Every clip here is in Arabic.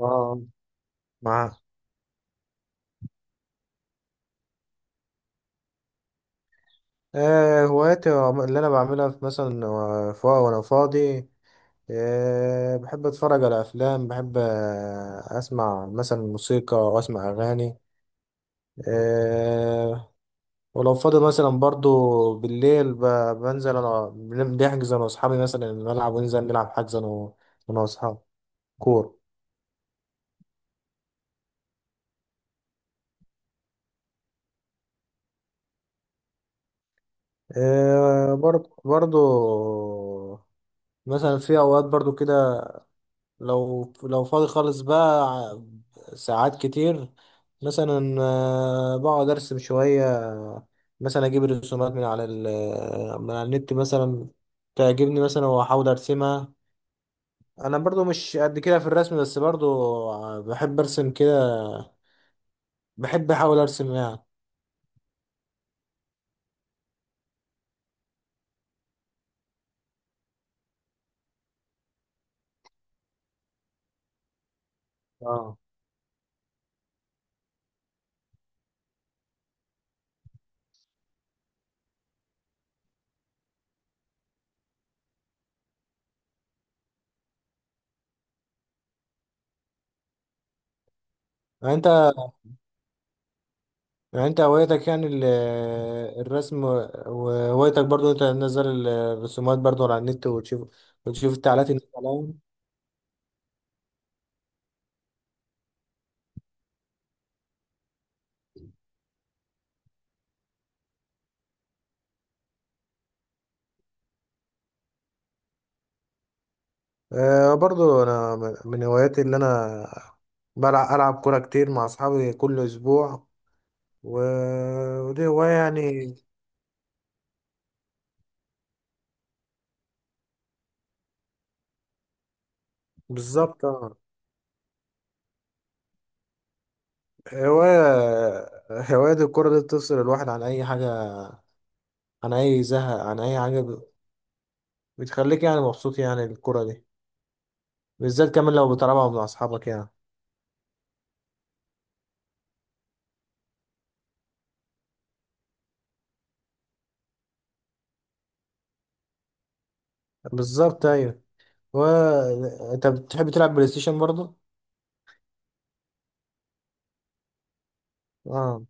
اه. معاه. هواياتي اللي انا بعملها في مثلا وانا فاضي. بحب اتفرج على افلام، بحب اسمع مثلا موسيقى واسمع اغاني. آه. ولو فاضي مثلا برضو بالليل، بنزل انا، بنحجز انا واصحابي مثلا الملعب، وننزل نلعب حجز انا أنا واصحابي كورة. آه برضو برضو، مثلا في اوقات برضو كده لو فاضي خالص بقى، ساعات كتير مثلا آه، بقعد ارسم شوية. مثلا اجيب الرسومات من على من على النت مثلا، تعجبني مثلا واحاول ارسمها. انا برضو مش قد كده في الرسم، بس برضو بحب ارسم كده، بحب احاول ارسم يعني. اه. يعني انت يعني انت هوايتك الرسم، وهوايتك برضو انت تنزل الرسومات برضو على النت، وتشوف التعليقات الناس عليها. أه برضو انا من هواياتي اللي انا بلعب العب كوره كتير مع اصحابي كل اسبوع، ودي هوايه يعني. بالظبط آه. هوايه. هوايه الكوره دي بتفصل الواحد عن اي حاجه، عن اي زهق، عن اي حاجه، بتخليك يعني مبسوط يعني الكوره دي، بالذات كمان لو بتلعبها مع اصحابك يعني. بالظبط ايوه. و... انت بتحب تلعب بلاي ستيشن برضو؟ اه.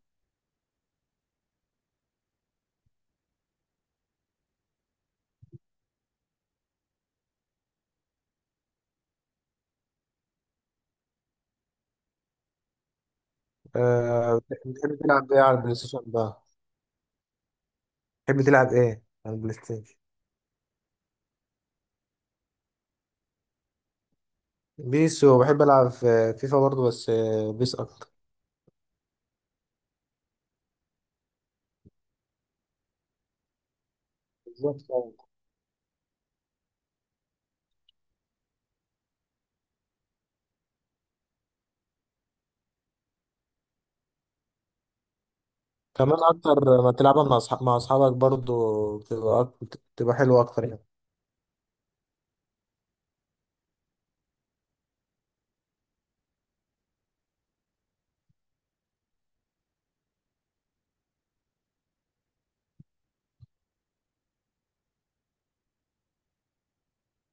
أه، بتحب تلعب ايه على البلاي ستيشن بقى؟ بتحب تلعب ايه على البلاي ستيشن؟ بيس، وبحب ألعب في فيفا برضو، بس بيس أكتر. بالظبط أيوة. كمان أكتر ما تلعبها مع مع أصحابك برضو بتبقى بتبقى حلوة أكتر يعني.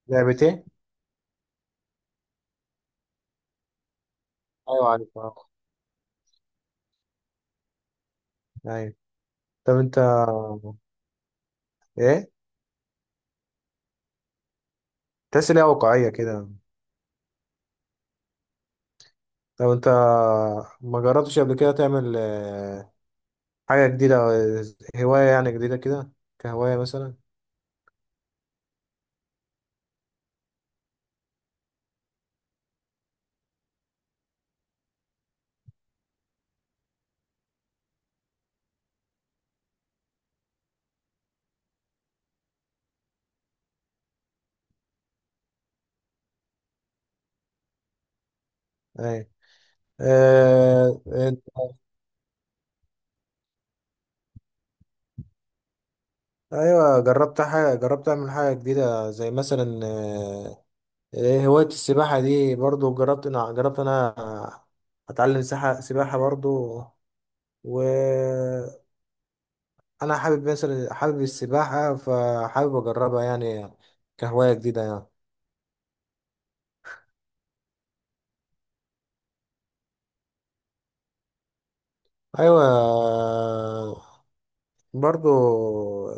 لعبة إيه؟ ايوه عارف اه. أيوة. طب أنت، إيه؟ تحس إن هي واقعية كده؟ طب أنت ما جربتش قبل كده تعمل آه، حاجة جديدة، آه، هواية يعني جديدة كده، كهواية مثلا؟ أيوة آه، آه، أيوة جربت حاجة، جربت أعمل حاجة جديدة زي مثلا إيه، هواية السباحة دي برضو. جربت أنا، جربت أنا أتعلم سباحة، سباحة برضو. وأنا حابب مثلا، حابب السباحة، فحابب أجربها يعني كهواية جديدة يعني. أيوة برضو،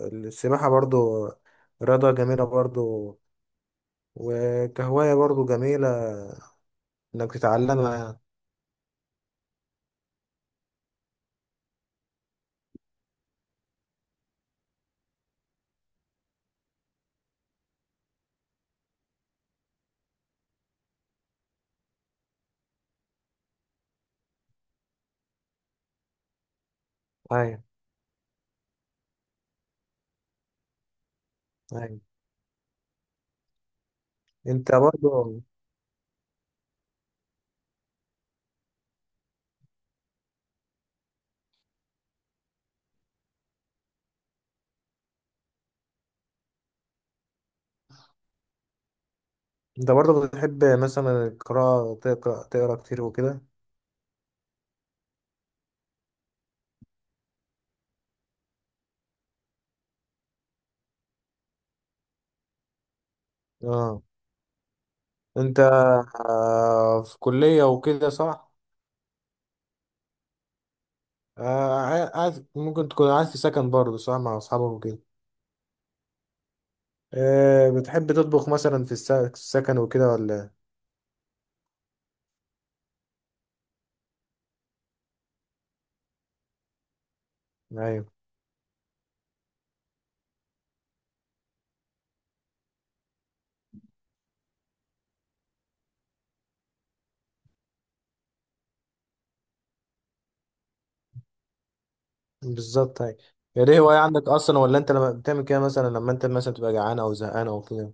السباحة برضو رياضة جميلة برضو، وكهواية برضو جميلة إنك تتعلمها يعني. أيوة. أيوة أنت برضو، أنت برضو بتحب مثلا القراءة، تقرأ تقرأ كتير وكده؟ اه. انت آه، في كلية وكده صح؟ آه، عايز ممكن تكون عايز في سكن برضه صح مع أصحابك وكده. آه، بتحب تطبخ مثلا في السكن وكده ولا؟ إيه؟ أيوه. بالظبط أيوه. هي دي هواية عندك أصلا، ولا أنت لما بتعمل كده مثلا لما أنت مثلا تبقى جعان أو زهقان أو كده؟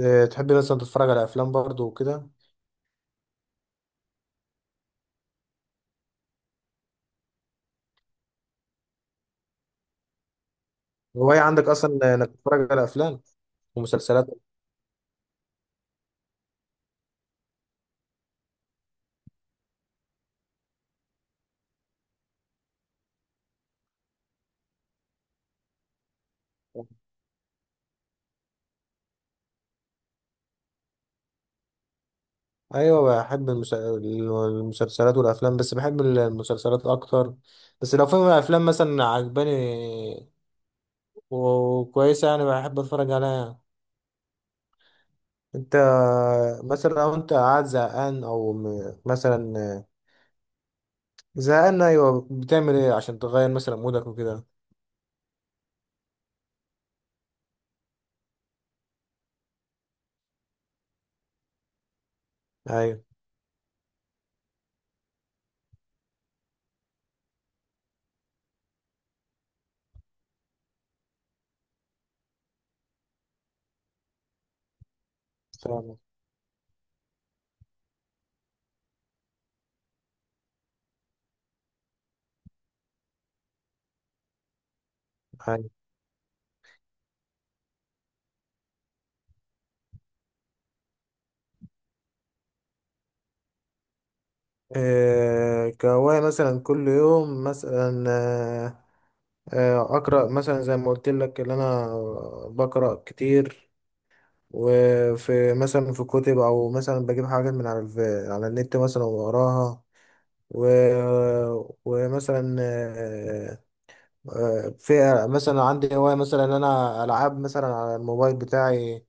آه، تحب مثلا تتفرج على أفلام برضه وكده؟ هواية عندك أصلا إنك تتفرج على أفلام ومسلسلات؟ ايوه بحب المسلسلات والافلام، بس بحب المسلسلات اكتر. بس لو في افلام مثلا عجباني وكويسه يعني بحب اتفرج عليها. انت مثلا لو انت قاعد زهقان او مثلا زهقان، ايوه، بتعمل ايه عشان تغير مثلا مودك وكده؟ ايوه. فاهم. ايوه. إيه كهواية مثلا كل يوم مثلا آه، آه، اقرا مثلا زي ما قلت لك ان انا بقرا كتير، وفي مثلا في كتب او مثلا بجيب حاجات من على على النت مثلا واقراها، و... ومثلا آه، آه، في مثلا عندي هواية مثلا ان انا العاب مثلا على الموبايل بتاعي،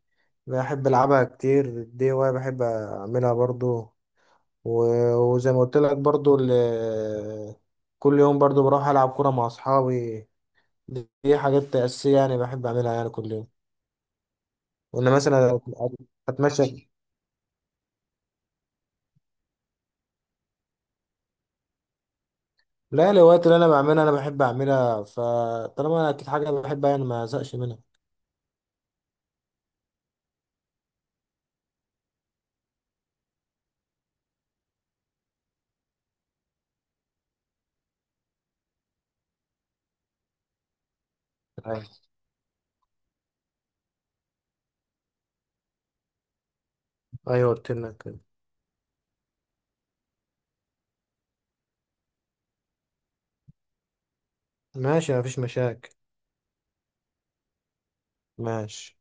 بحب العبها كتير. دي هواية بحب اعملها برضو. وزي ما قلت لك برضو كل يوم برضو بروح العب كرة مع اصحابي. دي حاجات اساسية يعني بحب اعملها يعني كل يوم. وانا مثلا اتمشى. لا، الهوايات اللي انا بعملها انا بحب اعملها، فطالما انا اكيد حاجه بحبها يعني ما ازهقش منها. أيوة. ايوه قلت لك كده. ماشي مفيش مشاكل. ماشي.